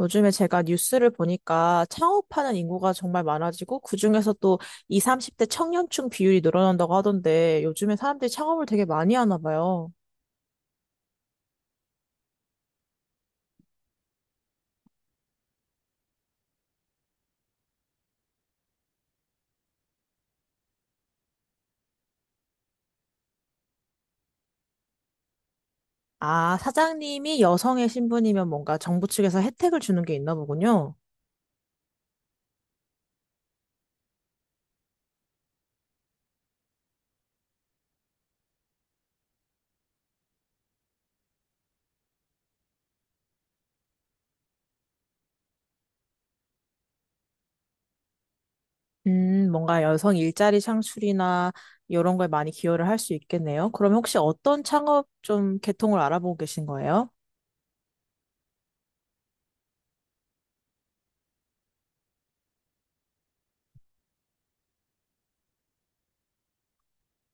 요즘에 제가 뉴스를 보니까 창업하는 인구가 정말 많아지고 그중에서 또 20, 30대 청년층 비율이 늘어난다고 하던데 요즘에 사람들이 창업을 되게 많이 하나 봐요. 아, 사장님이 여성의 신분이면 뭔가 정부 측에서 혜택을 주는 게 있나 보군요. 뭔가 여성 일자리 창출이나 이런 거에 많이 기여를 할 수 있겠네요. 그럼 혹시 어떤 창업 좀 계통을 알아보고 계신 거예요?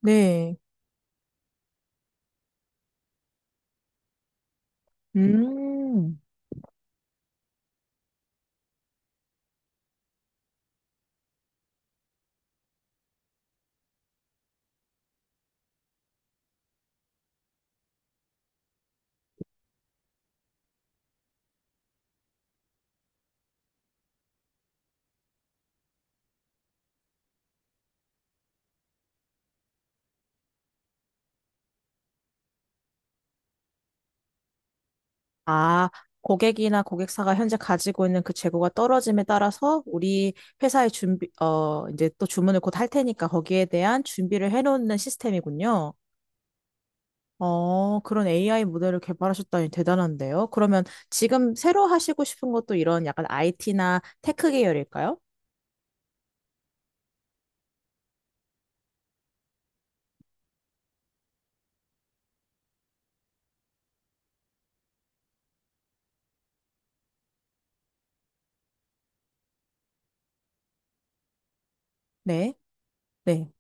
네. 음. 아, 고객이나 고객사가 현재 가지고 있는 그 재고가 떨어짐에 따라서 우리 회사의 준비, 이제 또 주문을 곧 할 테니까 거기에 대한 준비를 해놓는 시스템이군요. 어, 그런 AI 모델을 개발하셨다니 대단한데요. 그러면 지금 새로 하시고 싶은 것도 이런 약간 IT나 테크 계열일까요? 네, 네.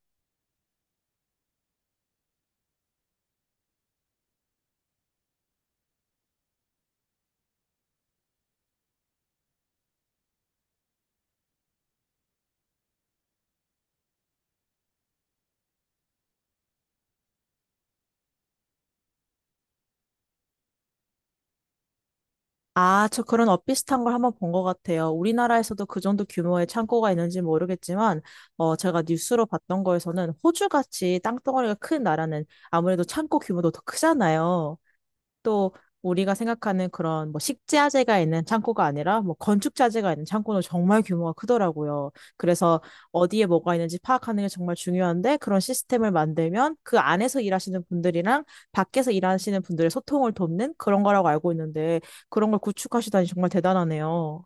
아, 저 그런 엇비슷한 걸 한번 본 것 같아요. 우리나라에서도 그 정도 규모의 창고가 있는지 모르겠지만, 제가 뉴스로 봤던 거에서는 호주같이 땅덩어리가 큰 나라는 아무래도 창고 규모도 더 크잖아요. 또 우리가 생각하는 그런 뭐 식자재가 있는 창고가 아니라 뭐 건축자재가 있는 창고는 정말 규모가 크더라고요. 그래서 어디에 뭐가 있는지 파악하는 게 정말 중요한데 그런 시스템을 만들면 그 안에서 일하시는 분들이랑 밖에서 일하시는 분들의 소통을 돕는 그런 거라고 알고 있는데 그런 걸 구축하시다니 정말 대단하네요.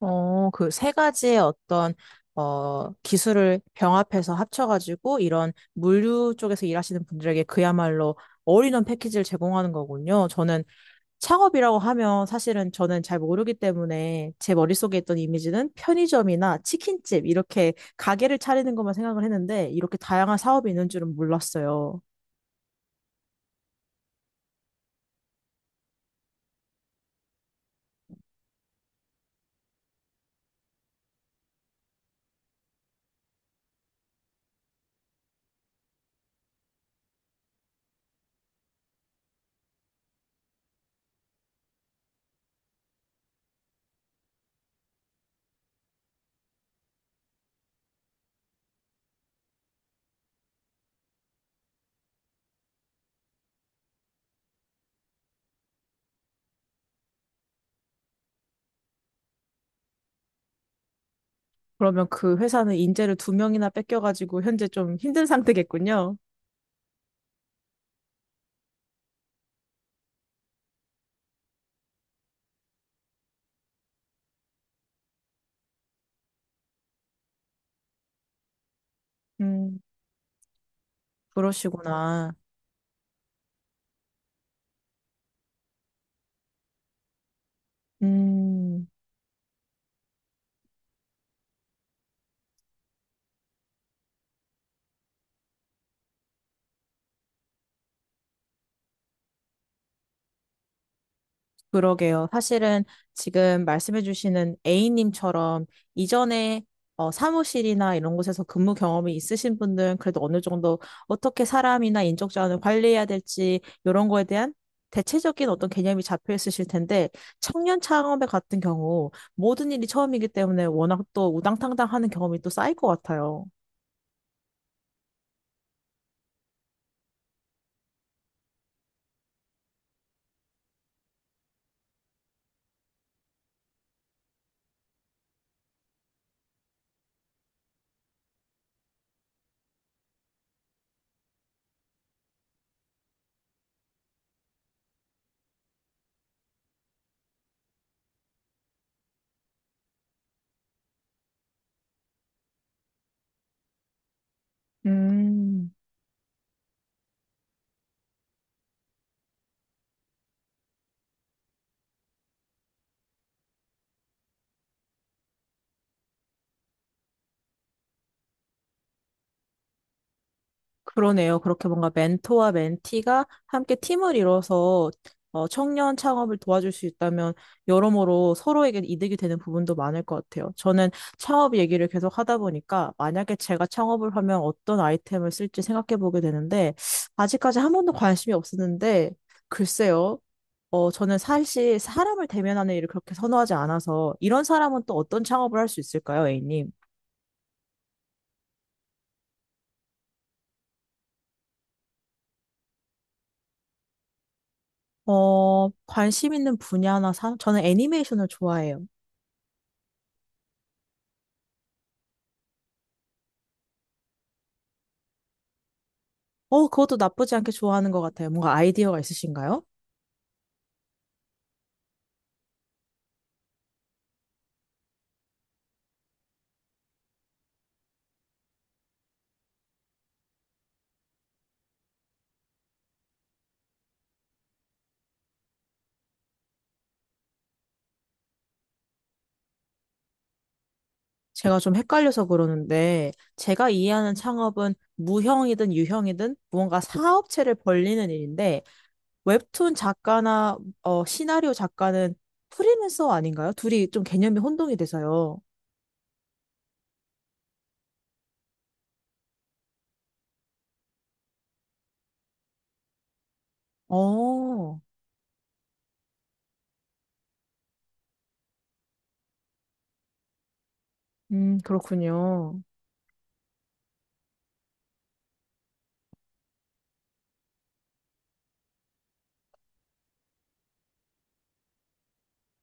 어, 그 세 가지의 어떤, 기술을 병합해서 합쳐가지고 이런 물류 쪽에서 일하시는 분들에게 그야말로 올인원 패키지를 제공하는 거군요. 저는 창업이라고 하면 사실은 저는 잘 모르기 때문에 제 머릿속에 있던 이미지는 편의점이나 치킨집 이렇게 가게를 차리는 것만 생각을 했는데 이렇게 다양한 사업이 있는 줄은 몰랐어요. 그러면 그 회사는 인재를 두 명이나 뺏겨가지고 현재 좀 힘든 상태겠군요. 음, 그러시구나. 음. 그러게요. 사실은 지금 말씀해주시는 A님처럼 이전에 사무실이나 이런 곳에서 근무 경험이 있으신 분들은 그래도 어느 정도 어떻게 사람이나 인적 자원을 관리해야 될지 이런 거에 대한 대체적인 어떤 개념이 잡혀 있으실 텐데 청년 창업의 같은 경우 모든 일이 처음이기 때문에 워낙 또 우당탕당 하는 경험이 또 쌓일 것 같아요. 음. 그러네요. 그렇게 뭔가 멘토와 멘티가 함께 팀을 이뤄서 청년 창업을 도와줄 수 있다면 여러모로 서로에게 이득이 되는 부분도 많을 것 같아요. 저는 창업 얘기를 계속 하다 보니까 만약에 제가 창업을 하면 어떤 아이템을 쓸지 생각해 보게 되는데 아직까지 한 번도 관심이 없었는데 글쎄요. 저는 사실 사람을 대면하는 일을 그렇게 선호하지 않아서 이런 사람은 또 어떤 창업을 할 수 있을까요, A님? 어, 관심 있는 분야나 사, 저는 애니메이션을 좋아해요. 어, 그것도 나쁘지 않게 좋아하는 것 같아요. 뭔가 아이디어가 있으신가요? 제가 좀 헷갈려서 그러는데, 제가 이해하는 창업은 무형이든 유형이든 무언가 사업체를 벌리는 일인데, 웹툰 작가나 시나리오 작가는 프리랜서 아닌가요? 둘이 좀 개념이 혼동이 돼서요. 어, 그렇군요.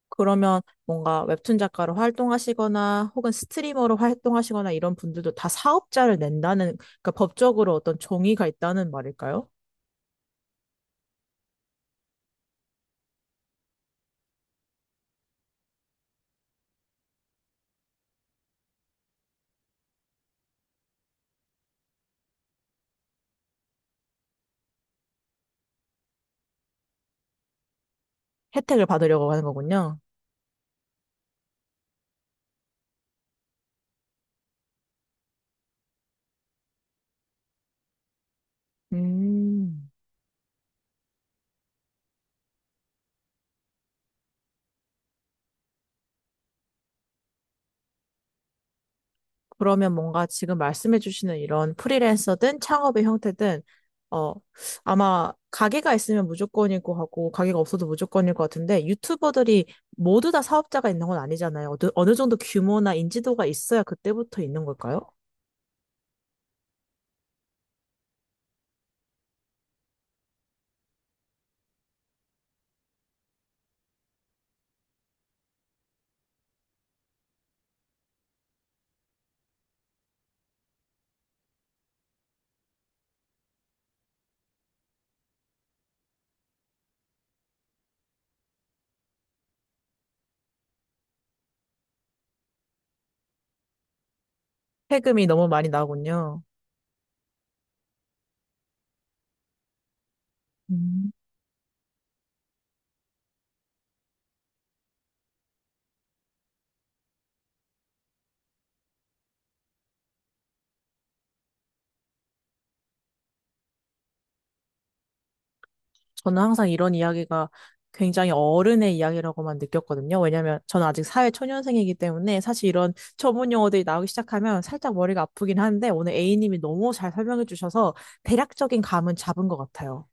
그러면 뭔가 웹툰 작가로 활동하시거나 혹은 스트리머로 활동하시거나 이런 분들도 다 사업자를 낸다는, 그러니까 법적으로 어떤 종이가 있다는 말일까요? 혜택을 받으려고 하는 거군요. 음, 그러면 뭔가 지금 말씀해 주시는 이런 프리랜서든 창업의 형태든 어 아마 가게가 있으면 무조건이고 하고 가게가 없어도 무조건일 것 같은데 유튜버들이 모두 다 사업자가 있는 건 아니잖아요. 어느, 어느 정도 규모나 인지도가 있어야 그때부터 있는 걸까요? 세금이 너무 많이 나오군요. 음. 저는 항상 이런 이야기가 굉장히 어른의 이야기라고만 느꼈거든요. 왜냐면 저는 아직 사회 초년생이기 때문에 사실 이런 전문 용어들이 나오기 시작하면 살짝 머리가 아프긴 한데 오늘 A님이 너무 잘 설명해 주셔서 대략적인 감은 잡은 것 같아요.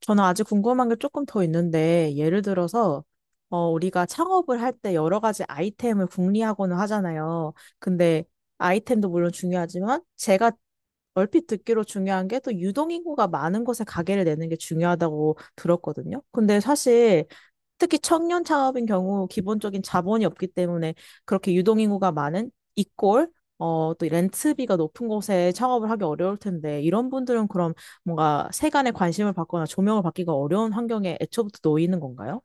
저는 아직 궁금한 게 조금 더 있는데, 예를 들어서, 우리가 창업을 할 때 여러 가지 아이템을 궁리하고는 하잖아요. 근데 아이템도 물론 중요하지만, 제가 얼핏 듣기로 중요한 게 또 유동인구가 많은 곳에 가게를 내는 게 중요하다고 들었거든요. 근데 사실 특히 청년 창업인 경우 기본적인 자본이 없기 때문에 그렇게 유동인구가 많은 이꼴 또 렌트비가 높은 곳에 창업을 하기 어려울 텐데 이런 분들은 그럼 뭔가 세간의 관심을 받거나 조명을 받기가 어려운 환경에 애초부터 놓이는 건가요?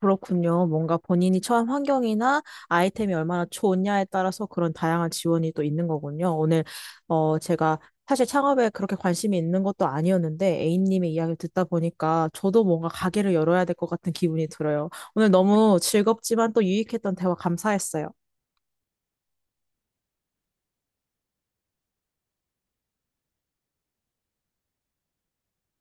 그렇군요. 뭔가 본인이 처한 환경이나 아이템이 얼마나 좋냐에 따라서 그런 다양한 지원이 또 있는 거군요. 오늘, 제가 사실 창업에 그렇게 관심이 있는 것도 아니었는데 A님의 이야기를 듣다 보니까 저도 뭔가 가게를 열어야 될 것 같은 기분이 들어요. 오늘 너무 즐겁지만 또 유익했던 대화 감사했어요.